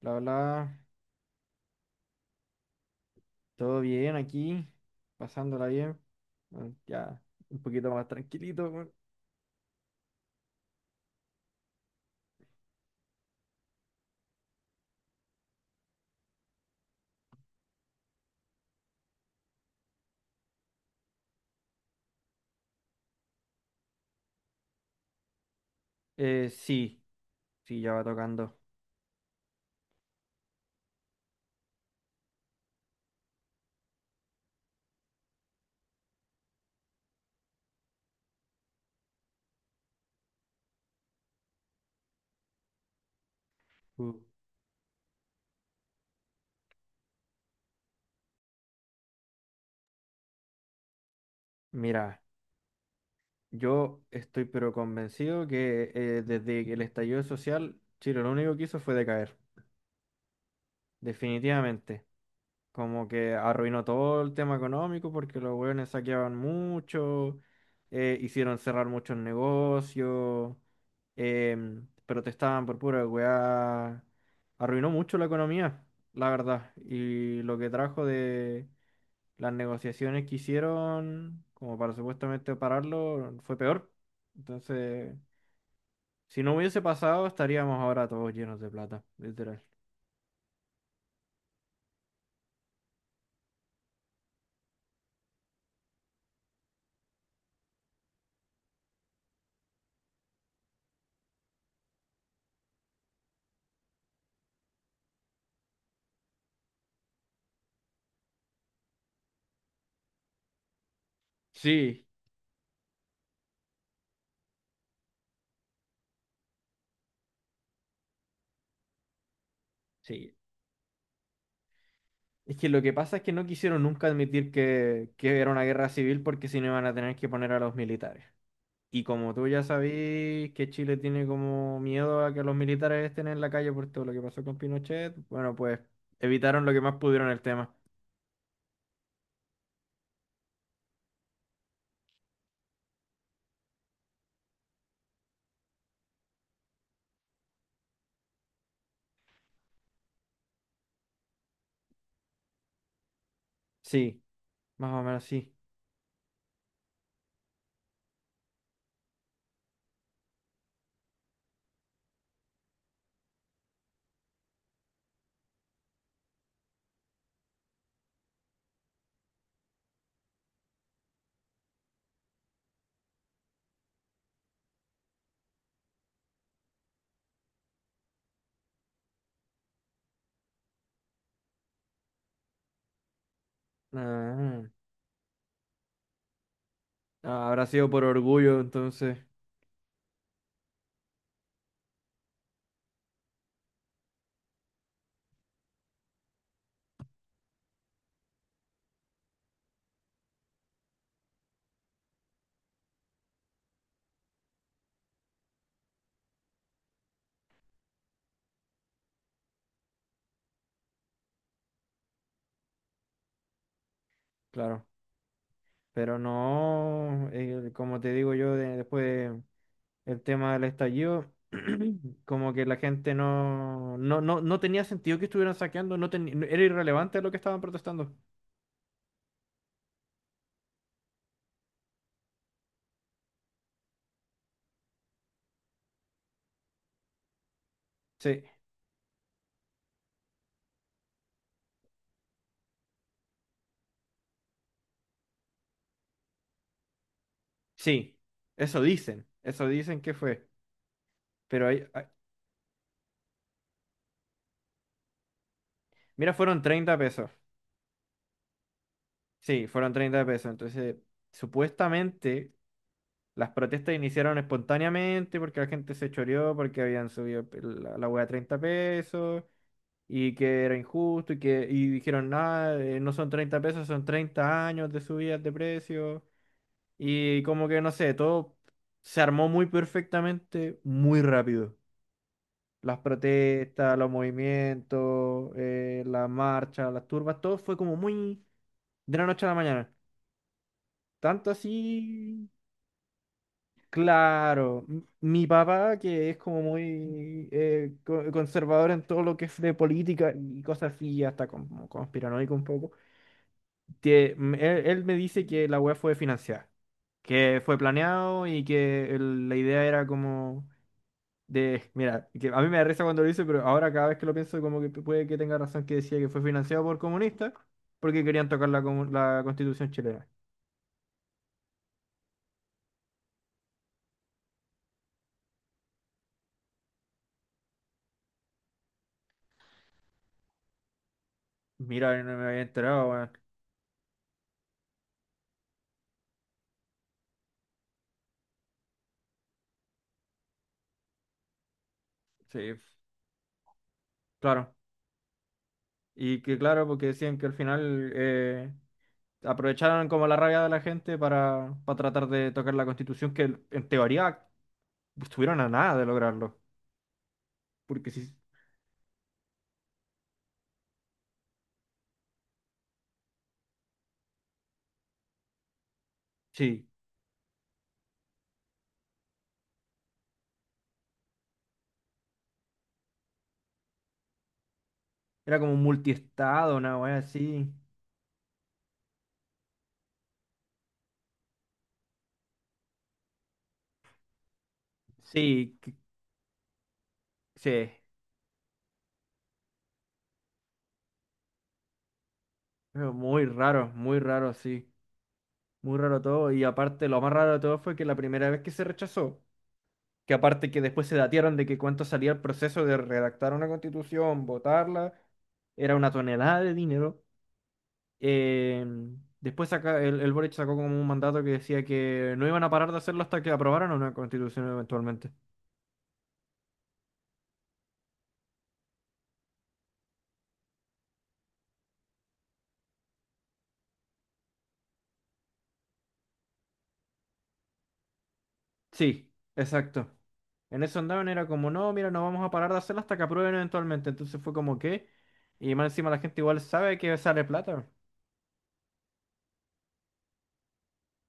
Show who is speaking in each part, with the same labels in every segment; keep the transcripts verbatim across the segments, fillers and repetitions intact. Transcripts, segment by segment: Speaker 1: Bla, bla, todo bien aquí, pasándola bien, bueno, ya un poquito más tranquilito. bueno. Eh, sí, sí, ya va tocando. Uh, Mira, yo estoy pero convencido que eh, desde el estallido social, Chile lo único que hizo fue decaer, definitivamente. Como que arruinó todo el tema económico porque los hueones saqueaban mucho, eh, hicieron cerrar muchos negocios, em, protestaban por pura weá. Arruinó mucho la economía, la verdad. Y lo que trajo de las negociaciones que hicieron, como para supuestamente pararlo, fue peor. Entonces, si no hubiese pasado, estaríamos ahora todos llenos de plata, literal. Sí, sí. Es que lo que pasa es que no quisieron nunca admitir que, que era una guerra civil porque si no iban a tener que poner a los militares. Y como tú ya sabís que Chile tiene como miedo a que los militares estén en la calle por todo lo que pasó con Pinochet, bueno, pues evitaron lo que más pudieron el tema. Sí, más o menos sí. Ah, ah, habrá sido por orgullo entonces, claro. Pero no, eh, como te digo yo, de- después el tema del estallido, como que la gente no, no, no, no tenía sentido que estuvieran saqueando, no teni- no- era irrelevante lo que estaban protestando. Sí, sí, eso dicen, eso dicen que fue. Pero ahí, ahí- Mira, fueron treinta pesos. Sí, fueron treinta pesos. Entonces, supuestamente las protestas iniciaron espontáneamente porque la gente se choreó, porque habían subido el- la, la hueá a treinta pesos. Y que era injusto y que y dijeron, nada, eh, no son treinta pesos, son treinta años de subidas de precios, y como que no sé, todo se armó muy perfectamente, muy rápido. Las protestas, los movimientos, eh, las marchas, las turbas, todo fue como muy de la noche a la mañana. Tanto así, claro, m- mi papá, que es como muy eh, co- conservador en todo lo que es de política y cosas así, hasta como conspiranoico un poco, tie- él, él me dice que la weá fue financiada, que fue planeado y que el- la idea era como de, mira, que a mí me da risa cuando lo dice, pero ahora cada vez que lo pienso como que puede que tenga razón, que decía que fue financiado por comunistas porque querían tocar la, comu- la Constitución chilena. Mira, yo no me había enterado, weón. Sí, claro. Y que claro, porque decían que al final eh, aprovecharon como la rabia de la gente para, para tratar de tocar la Constitución que, en teoría, estuvieron a nada de lograrlo. Porque si, sí, era como un multiestado, una wea así. Sí, que- sí, pero muy raro, muy raro, sí. Muy raro todo. Y aparte, lo más raro de todo fue que la primera vez que se rechazó, que aparte que después se datearon de que cuánto salía el proceso de redactar una constitución, votarla, era una tonelada de dinero. Eh, Después saca, el, el Boric sacó como un mandato que decía que no iban a parar de hacerlo hasta que aprobaran una constitución eventualmente. Sí, exacto. En eso andaban, era como, no, mira, no vamos a parar de hacerla hasta que aprueben eventualmente. Entonces fue como que, y más encima la gente igual sabe que sale plata.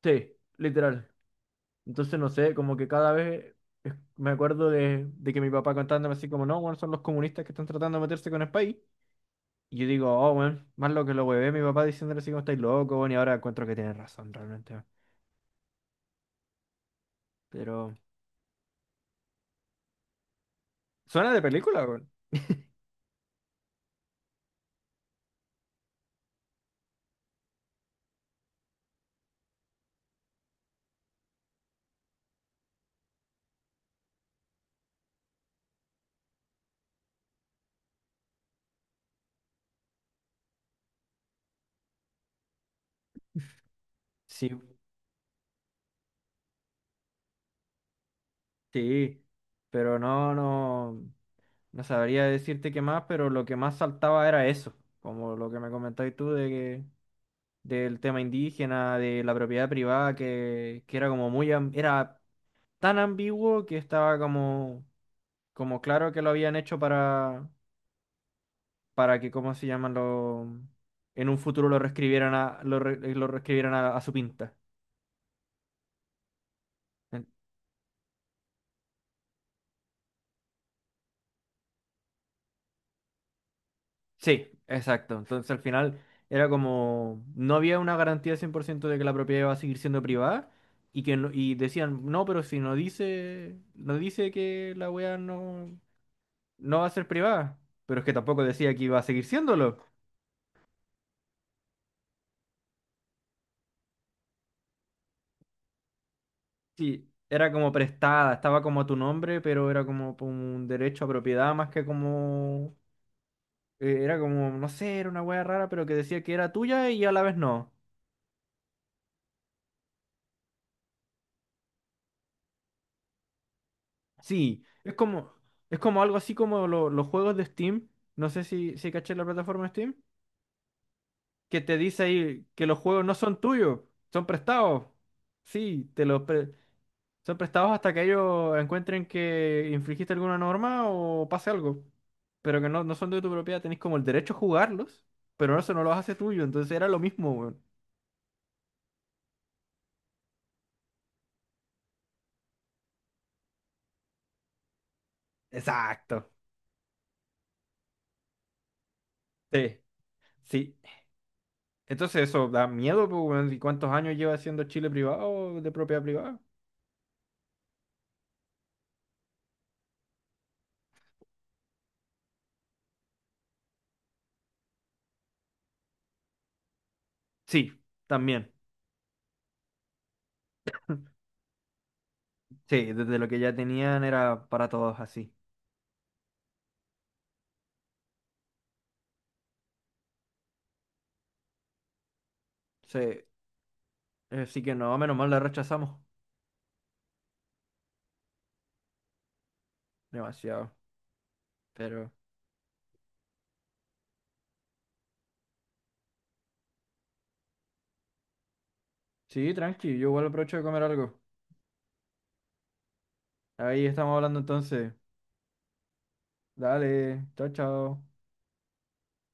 Speaker 1: Sí, literal. Entonces no sé, como que cada vez es- me acuerdo de, de que mi papá contándome así como, no, bueno, son los comunistas que están tratando de meterse con el país. Y yo digo, oh, bueno, más lo que lo huevé, mi papá diciéndole así como estáis locos, bueno, y ahora encuentro que tiene razón realmente, weón. Pero, suena de película, weón. Sí, sí, pero no, no. No sabría decirte qué más, pero lo que más saltaba era eso, como lo que me comentabas tú de que, del tema indígena, de la propiedad privada, que, que era como muy, am- era tan ambiguo que estaba como, como claro que lo habían hecho para, para que, ¿cómo se llaman? Lo, en un futuro lo reescribieran a, lo, re- lo reescribieran a, a su pinta. Sí, exacto. Entonces al final era como, no había una garantía cien por ciento de que la propiedad iba a seguir siendo privada, y que no- y decían, no, pero si no dice, no dice que la wea no, no va a ser privada, pero es que tampoco decía que iba a seguir siéndolo. Sí, era como prestada, estaba como a tu nombre, pero era como por un derecho a propiedad más que como, eh, era como, no sé, era una wea rara, pero que decía que era tuya y a la vez no. Sí, es como, es como algo así como lo- los juegos de Steam. No sé si, si caché la plataforma de Steam. Que te dice ahí que los juegos no son tuyos, son prestados. Sí, te los pre- son prestados hasta que ellos encuentren que infringiste alguna norma o pase algo. Pero que no, no son de tu propiedad, tenés como el derecho a jugarlos, pero eso no los hace tuyo. Entonces era lo mismo, weón. Exacto. Sí, sí. Entonces eso da miedo, pues, weón. ¿Y cuántos años lleva siendo Chile privado de propiedad privada? Sí, también. Sí, desde lo que ya tenían era para todos así. Sí, eh, así que no, menos mal la rechazamos. Demasiado. Pero sí, tranqui, yo igual aprovecho de comer algo. Ahí estamos hablando entonces. Dale, chao, chao.